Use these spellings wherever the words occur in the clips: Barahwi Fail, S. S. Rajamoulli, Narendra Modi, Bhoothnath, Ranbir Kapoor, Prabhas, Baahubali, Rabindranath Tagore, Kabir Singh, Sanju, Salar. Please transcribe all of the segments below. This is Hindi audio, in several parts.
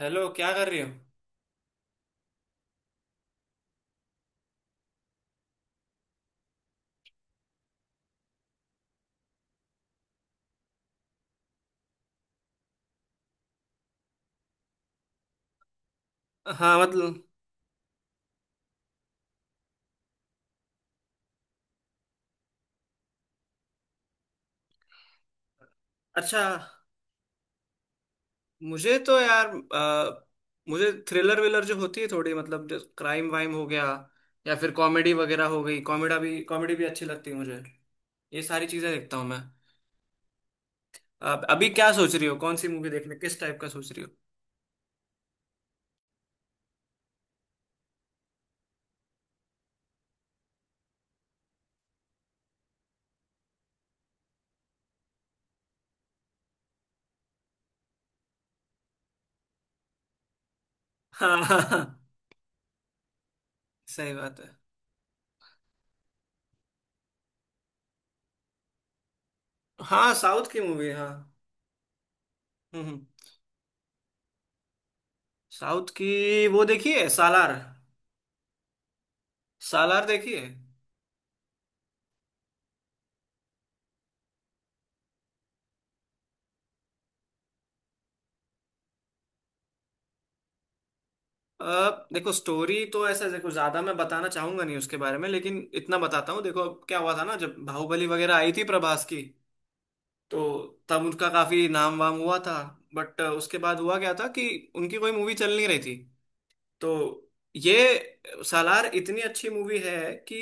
हेलो, क्या कर रही हो? हाँ, मतलब अच्छा। मुझे तो यार मुझे थ्रिलर विलर जो होती है थोड़ी, मतलब जो क्राइम वाइम हो गया या फिर कॉमेडी वगैरह हो गई। कॉमेडा भी, कॉमेडी भी अच्छी लगती है मुझे। ये सारी चीजें देखता हूँ मैं। अब अभी क्या सोच रही हो? कौन सी मूवी देखने, किस टाइप का सोच रही हो? हाँ, हाँ, हाँ। सही बात है। हाँ, साउथ की मूवी, हाँ। हम्म हम्म। साउथ की वो देखी है सालार? सालार देखी है। देखो स्टोरी तो, ऐसा देखो, ज्यादा मैं बताना चाहूंगा नहीं उसके बारे में, लेकिन इतना बताता हूँ। देखो अब क्या हुआ था ना, जब बाहुबली वगैरह आई थी प्रभास की, तो तब उनका काफी नाम वाम हुआ था। बट उसके बाद हुआ क्या था कि उनकी कोई मूवी चल नहीं रही थी। तो ये सालार इतनी अच्छी मूवी है कि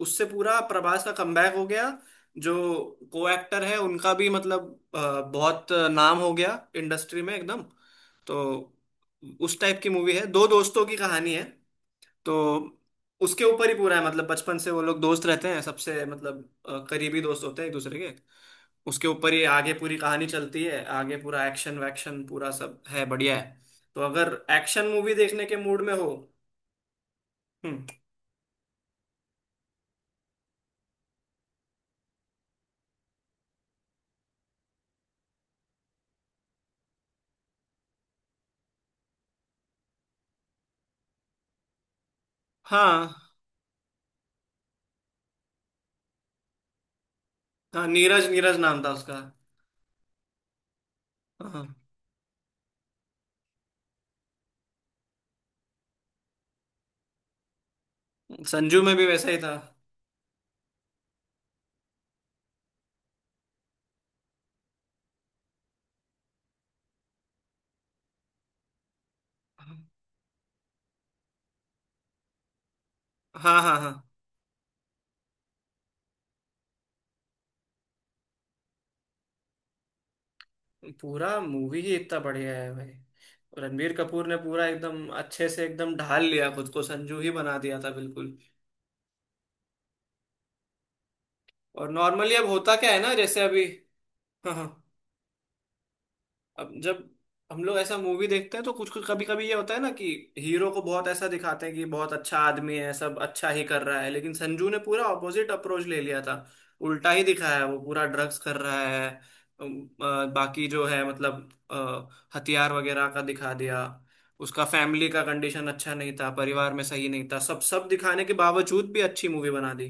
उससे पूरा प्रभास का कमबैक हो गया। जो को एक्टर है उनका भी, मतलब बहुत नाम हो गया इंडस्ट्री में एकदम। तो उस टाइप की मूवी है, दो दोस्तों की कहानी है। तो उसके ऊपर ही पूरा है, मतलब बचपन से वो लोग दोस्त रहते हैं, सबसे मतलब करीबी दोस्त होते हैं एक दूसरे के। उसके ऊपर ही आगे पूरी कहानी चलती है, आगे पूरा एक्शन वैक्शन पूरा सब है, बढ़िया है। तो अगर एक्शन मूवी देखने के मूड में हो। हम्म। हाँ हाँ, नीरज, नीरज नाम था उसका। हाँ, संजू में भी वैसा ही था। हाँ, हाँ, हाँ। पूरा मूवी ही इतना बढ़िया है भाई। रणबीर कपूर ने पूरा एकदम अच्छे से एकदम ढाल लिया, खुद को संजू ही बना दिया था बिल्कुल। और नॉर्मली अब होता क्या है ना, जैसे अभी। हाँ हाँ। अब जब हम लोग ऐसा मूवी देखते हैं तो कुछ कुछ, कभी कभी ये होता है ना कि हीरो को बहुत ऐसा दिखाते हैं कि बहुत अच्छा आदमी है, सब अच्छा ही कर रहा है। लेकिन संजू ने पूरा ऑपोजिट अप्रोच ले लिया था। उल्टा ही दिखाया है, वो पूरा ड्रग्स कर रहा है। बाकी जो है मतलब हथियार वगैरह का दिखा दिया। उसका फैमिली का कंडीशन अच्छा नहीं था, परिवार में सही नहीं था, सब सब दिखाने के बावजूद भी अच्छी मूवी बना दी।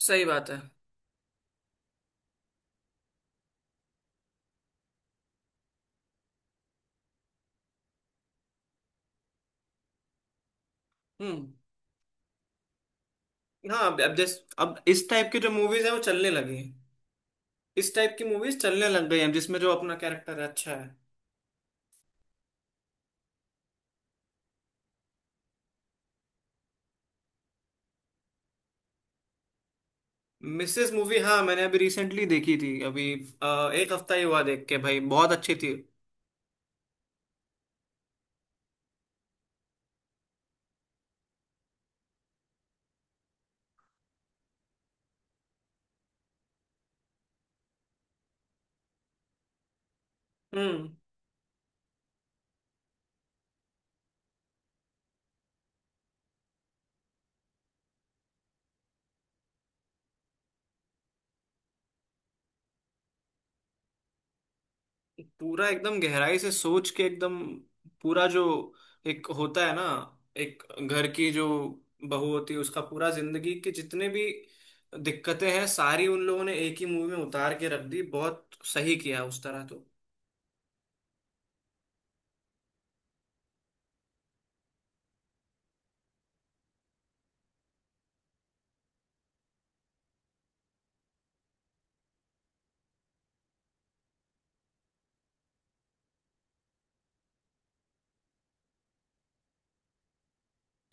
सही बात है। हम्म। हाँ अब जैस अब इस टाइप की जो मूवीज है वो चलने लगी हैं। इस टाइप की मूवीज चलने लग गई हैं जिसमें जो अपना कैरेक्टर है, अच्छा है। मिसेस मूवी, हाँ मैंने अभी रिसेंटली देखी थी अभी। एक हफ्ता ही हुआ देख के, भाई बहुत अच्छी थी। हम्म। पूरा एकदम गहराई से सोच के एकदम। पूरा जो एक होता है ना, एक घर की जो बहू होती है, उसका पूरा जिंदगी के जितने भी दिक्कतें हैं सारी, उन लोगों ने एक ही मूवी में उतार के रख दी। बहुत सही किया उस तरह तो।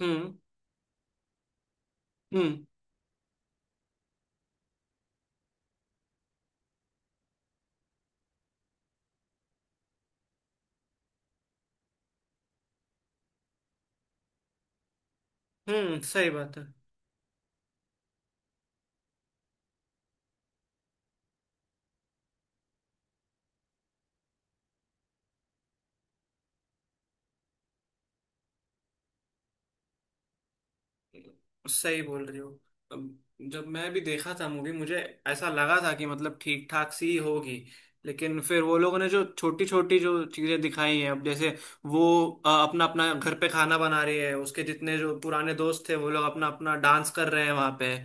हम्म हम्म हम्म। सही बात है। सही बोल रही हो। अब जब मैं भी देखा था मूवी, मुझे ऐसा लगा था कि मतलब ठीक ठाक सी ही होगी। लेकिन फिर वो लोगों ने जो छोटी छोटी जो चीजें दिखाई हैं, अब जैसे वो अपना अपना घर पे खाना बना रही है, उसके जितने जो पुराने दोस्त थे वो लोग अपना अपना डांस कर रहे हैं वहां पे,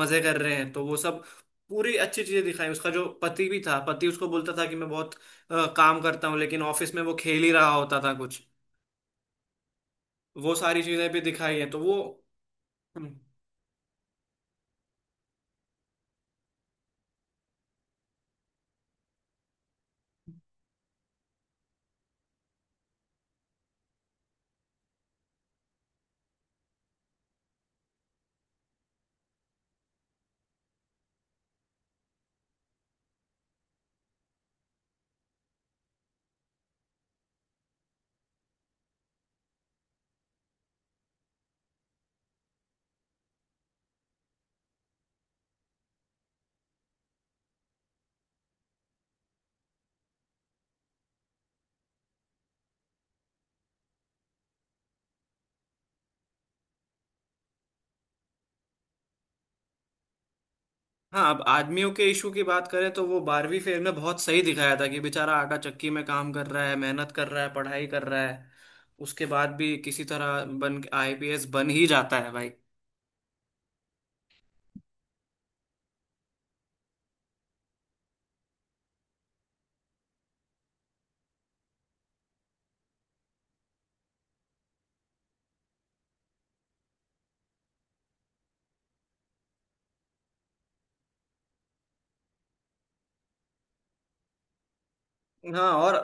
मजे कर रहे हैं, तो वो सब पूरी अच्छी चीजें दिखाई। उसका जो पति भी था, पति उसको बोलता था कि मैं बहुत काम करता हूँ, लेकिन ऑफिस में वो खेल ही रहा होता था कुछ। वो सारी चीजें भी दिखाई है तो वो। हम्म। हाँ, अब आदमियों के इशू की बात करें तो वो बारहवीं फेल में बहुत सही दिखाया था कि बेचारा आटा चक्की में काम कर रहा है, मेहनत कर रहा है, पढ़ाई कर रहा है, उसके बाद भी किसी तरह बन आईपीएस बन ही जाता है भाई। हाँ और,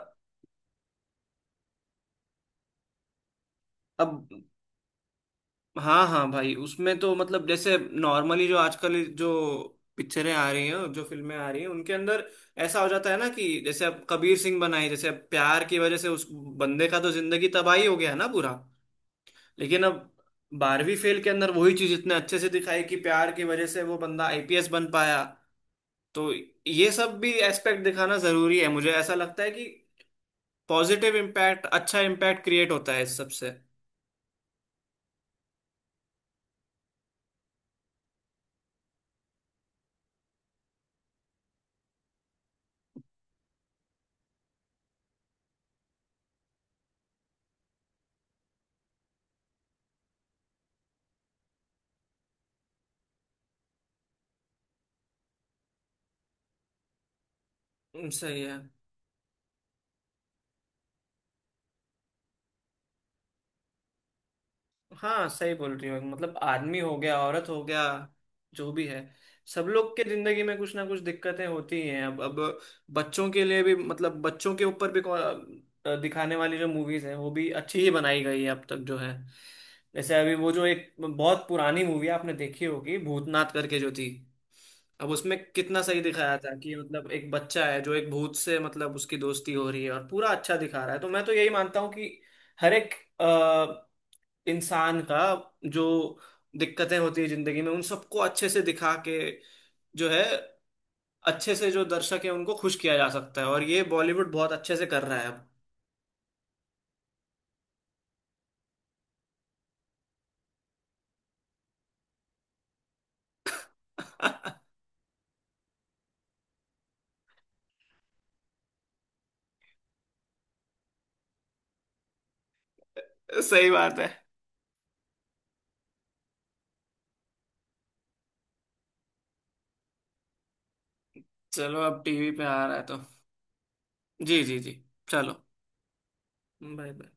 अब हाँ हाँ भाई उसमें तो मतलब जैसे नॉर्मली जो आजकल जो पिक्चरें आ रही हैं, जो फिल्में आ रही हैं उनके अंदर ऐसा हो जाता है ना कि जैसे अब कबीर सिंह बनाई, जैसे अब प्यार की वजह से उस बंदे का तो जिंदगी तबाही हो गया ना पूरा। लेकिन अब बारहवीं फेल के अंदर वही चीज इतने अच्छे से दिखाई कि प्यार की वजह से वो बंदा आईपीएस बन पाया। तो ये सब भी एस्पेक्ट दिखाना जरूरी है। मुझे ऐसा लगता है कि पॉजिटिव इम्पैक्ट, अच्छा इम्पैक्ट क्रिएट होता है इस सबसे। सही है। हाँ सही बोल रही हो, मतलब आदमी हो गया, औरत हो गया, जो भी है, सब लोग के जिंदगी में कुछ ना कुछ दिक्कतें होती ही हैं। अब बच्चों के लिए भी, मतलब बच्चों के ऊपर भी दिखाने वाली जो मूवीज हैं वो भी अच्छी ही बनाई गई है अब तक जो है। जैसे अभी वो जो एक बहुत पुरानी मूवी है आपने देखी होगी, भूतनाथ करके जो थी। अब उसमें कितना सही दिखाया था कि मतलब एक बच्चा है जो एक भूत से, मतलब उसकी दोस्ती हो रही है और पूरा अच्छा दिखा रहा है। तो मैं तो यही मानता हूँ कि हर एक इंसान का जो दिक्कतें होती है जिंदगी में, उन सबको अच्छे से दिखा के जो है, अच्छे से जो दर्शक है उनको खुश किया जा सकता है, और ये बॉलीवुड बहुत अच्छे से कर रहा है अब। सही बात है। चलो अब टीवी पे आ रहा है तो। जी जी जी। चलो। Bye bye.